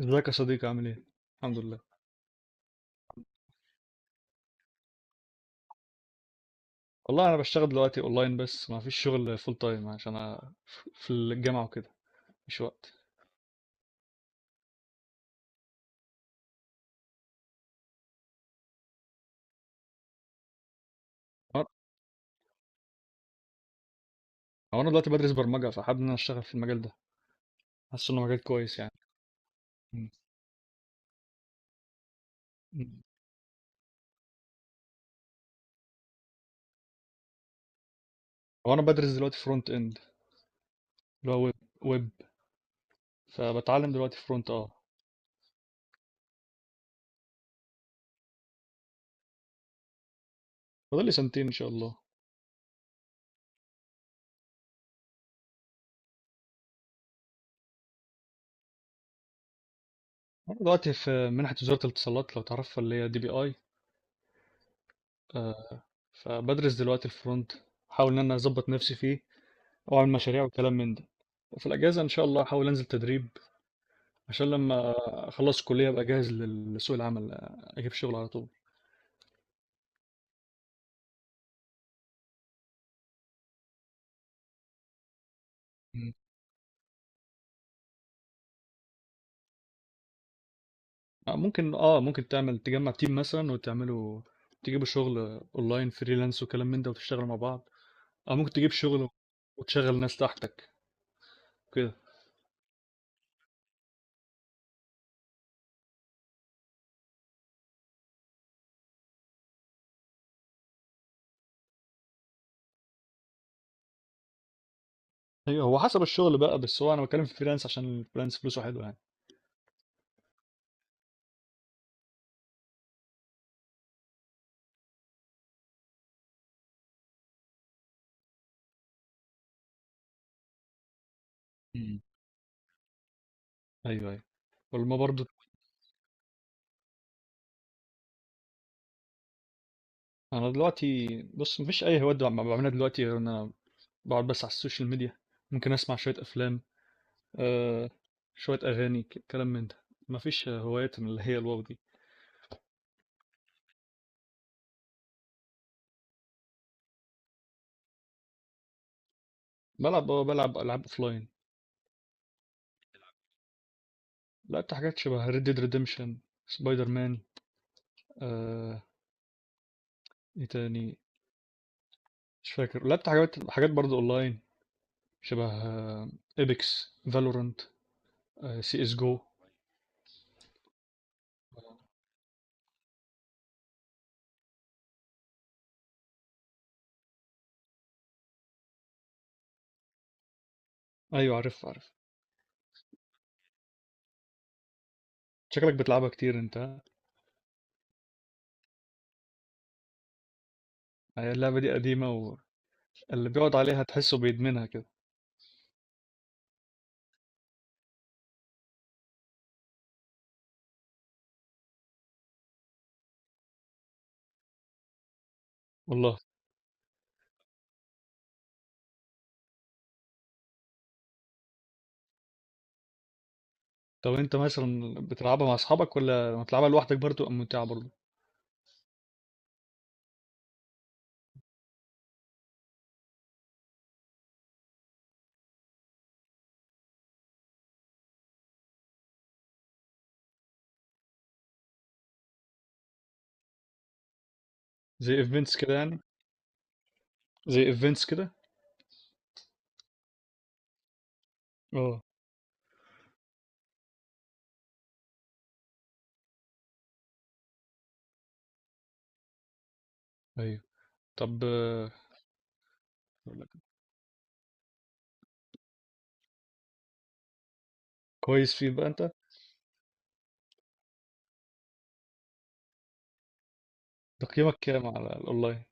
ازيك يا صديقي عامل ايه؟ الحمد لله. والله انا بشتغل دلوقتي اونلاين بس ما فيش شغل فول تايم عشان انا في الجامعه وكده. مفيش وقت. هو هو انا دلوقتي بدرس برمجه فحابب ان انا اشتغل في المجال ده. حاسس انه مجال كويس يعني. مم. مم. هو انا بدرس دلوقتي فرونت اند اللي هو ويب فبتعلم دلوقتي فرونت فاضل لي 2 سنين ان شاء الله. انا دلوقتي في منحه وزاره الاتصالات لو تعرفها اللي هي DPI آه، فبدرس دلوقتي الفرونت، احاول ان انا اظبط نفسي فيه واعمل مشاريع وكلام من ده. وفي الأجازة إن شاء الله هحاول أنزل تدريب عشان لمّا أخلّص الكلية أبقى جاهز لسوق العمل، أجيب شغل على طول. إمم. ممكن تعمل تجمّع team مثلًا وتعملوا تجيبوا شغل online freelance وكلام من ده وتشتغلوا مع بعض، أو ممكن تجيب شغل وتشغّل ناس تحتك كده. أيوه، هو حسب الشغل بقى، بس هو أنا باتكلّم في الfreelance عشان الfreelance فلوسه حلوة يعني. إمم. أيوه، أيوه. والما برضه. أنا دلوقتي بُص، ما فيش أي هوايات باعملها دلوقتي غير إن أنا باقعد بس على السوشيال ميديا، ممكن أسمع شوية أفلام. آه شوية أغاني كلام من ده. مفيش هوايات من اللي هي الواو دي. بلعب ألعاب أوفلاين. لعبت حاجات شبه ريد ديد ريديمشن، سبايدر مان. آه إيه تاني، مش فاكر. لعبت حاجات برضه أونلاين شبه إبكس، فالورانت، CS:GO. أيوة، عارف عارف. شكلك بتلعبها كتير أنت ها؟ هي اللعبة دي قديمة. واللي بيقعد عليها تحسه بيدمنها كده. والله. طب أنت مثلا بتلعبها مع أصحابك ولا بتلعبها لوحدك برضه؟ أم ممتعة برضه؟ زي إيفنتس كده يعني. زي ايفنتس كده. اه، ايوه. طب أقول لك، كويس فيه بقى انت. تقييمك كام على الاونلاين؟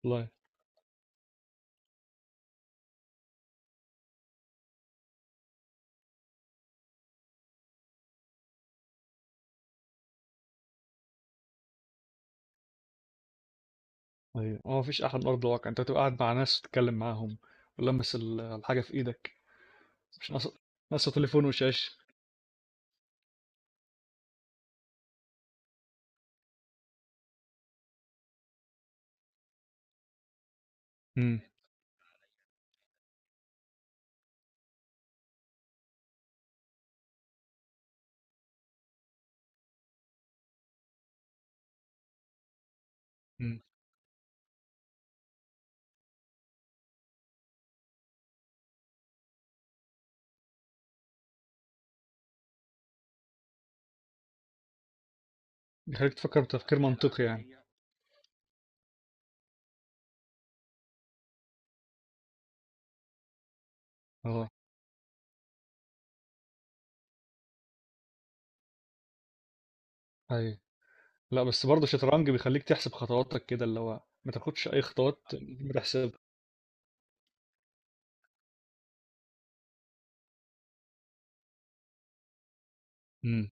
اونلاين؟ ايوه، هو مفيش احلى من ارض الواقع، انت تبقى قاعد مع ناس تتكلم معاهم ولمس الحاجه في ايدك. مش ناقصه تليفون وشاشه. امم. امم. بيخليك تفكر بتفكير منطقي يعني. اه، ايوه. لا بس برضه الشطرنج بيخليك تحسب خطواتك كده اللي هو ما تاخدش اي خطوات ما تحسبها. امم.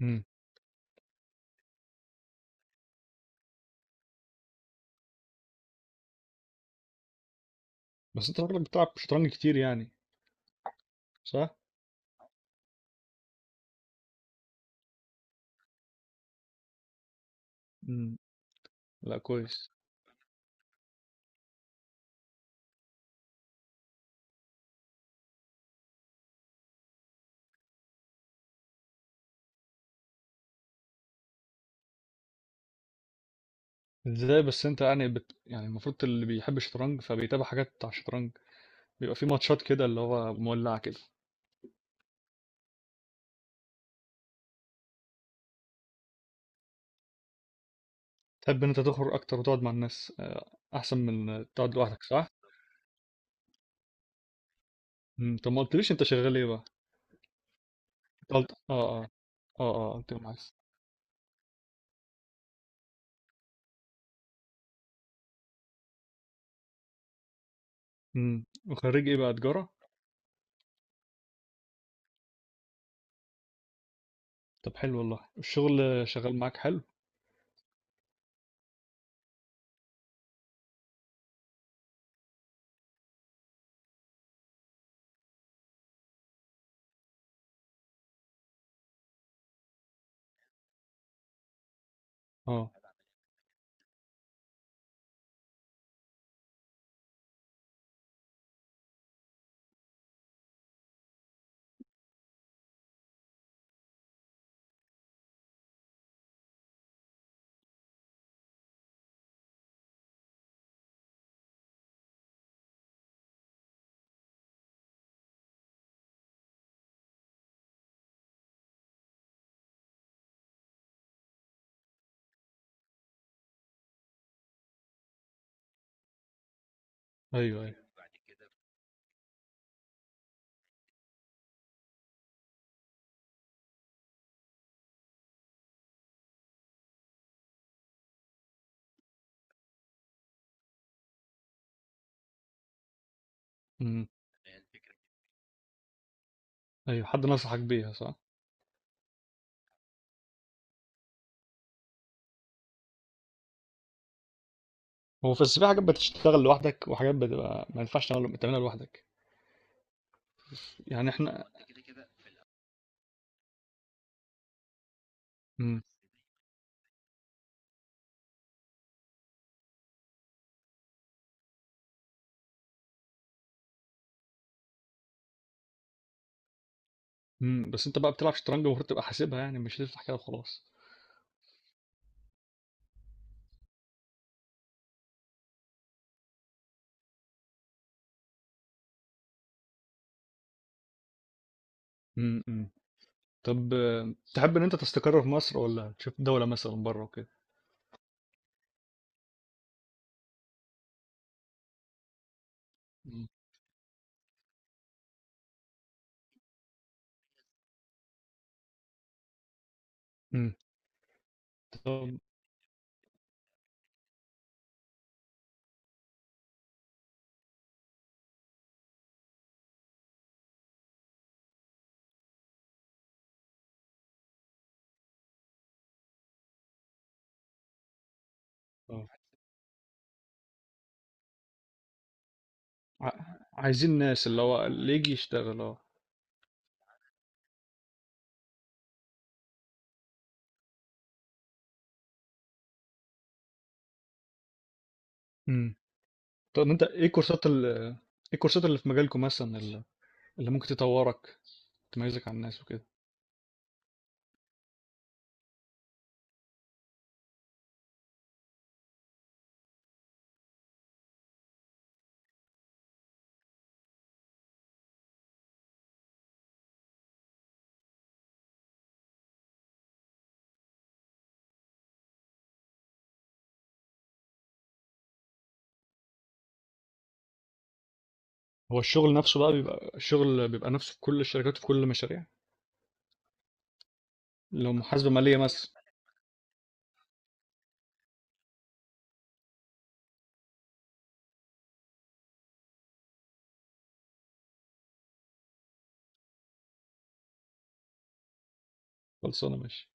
امم. بس انت راجلك بتلعب شطرنج كتير يعني، صح؟ امم. لا، كويس. ازاي بس انت يعني يعني المفروض اللي بيحب الشطرنج فبيتابع حاجات بتاع الشطرنج، بيبقى في ماتشات كده اللي هو مولعة كده. تحب ان انت تخرج اكتر وتقعد مع الناس احسن من تقعد لوحدك صح؟ مم، طب ما قلتليش انت شغال ايه بقى؟ انت قلت اه، اه، اه، اه، قلت لي معاك. امم، وخريج ايه بقى؟ تجارة؟ طب حلو والله الشغل. شغال معاك حلو؟ اه، ايوه، ايوه. امم، ايوه، حد نصحك بيها صح؟ هو في بس في حاجات بتشتغل لوحدك وحاجات بتبقى ما ينفعش تعملها لوحدك. يعني احنا. مم. إمم، بس أنت بقى بتلعب شطرنج المفروض تبقى حاسبها يعني، مش تفتح كده وخلاص. إمم، إمم. طب تحب إن أنت تستقر في مصر والّا تشوف دولة مثلًا برّه وكده؟ إمم، إمم. طب آه، ع عايزين ناس اللي هو اللي ييجي يشتغل آه. إمم. طب أنت إيه الكورسات، ال إيه الكورسات اللي في مجالكم، مثلًا اللي ممكن تطوّرك، تميّزك عن الناس وكده؟ هو الشغل نفسه بقى، بيبقى الشغل بيبقى نفسه في كل الشركات وفي كل المشاريع؟ لو محاسبة مالية مثلًا، خلصانة ماشي.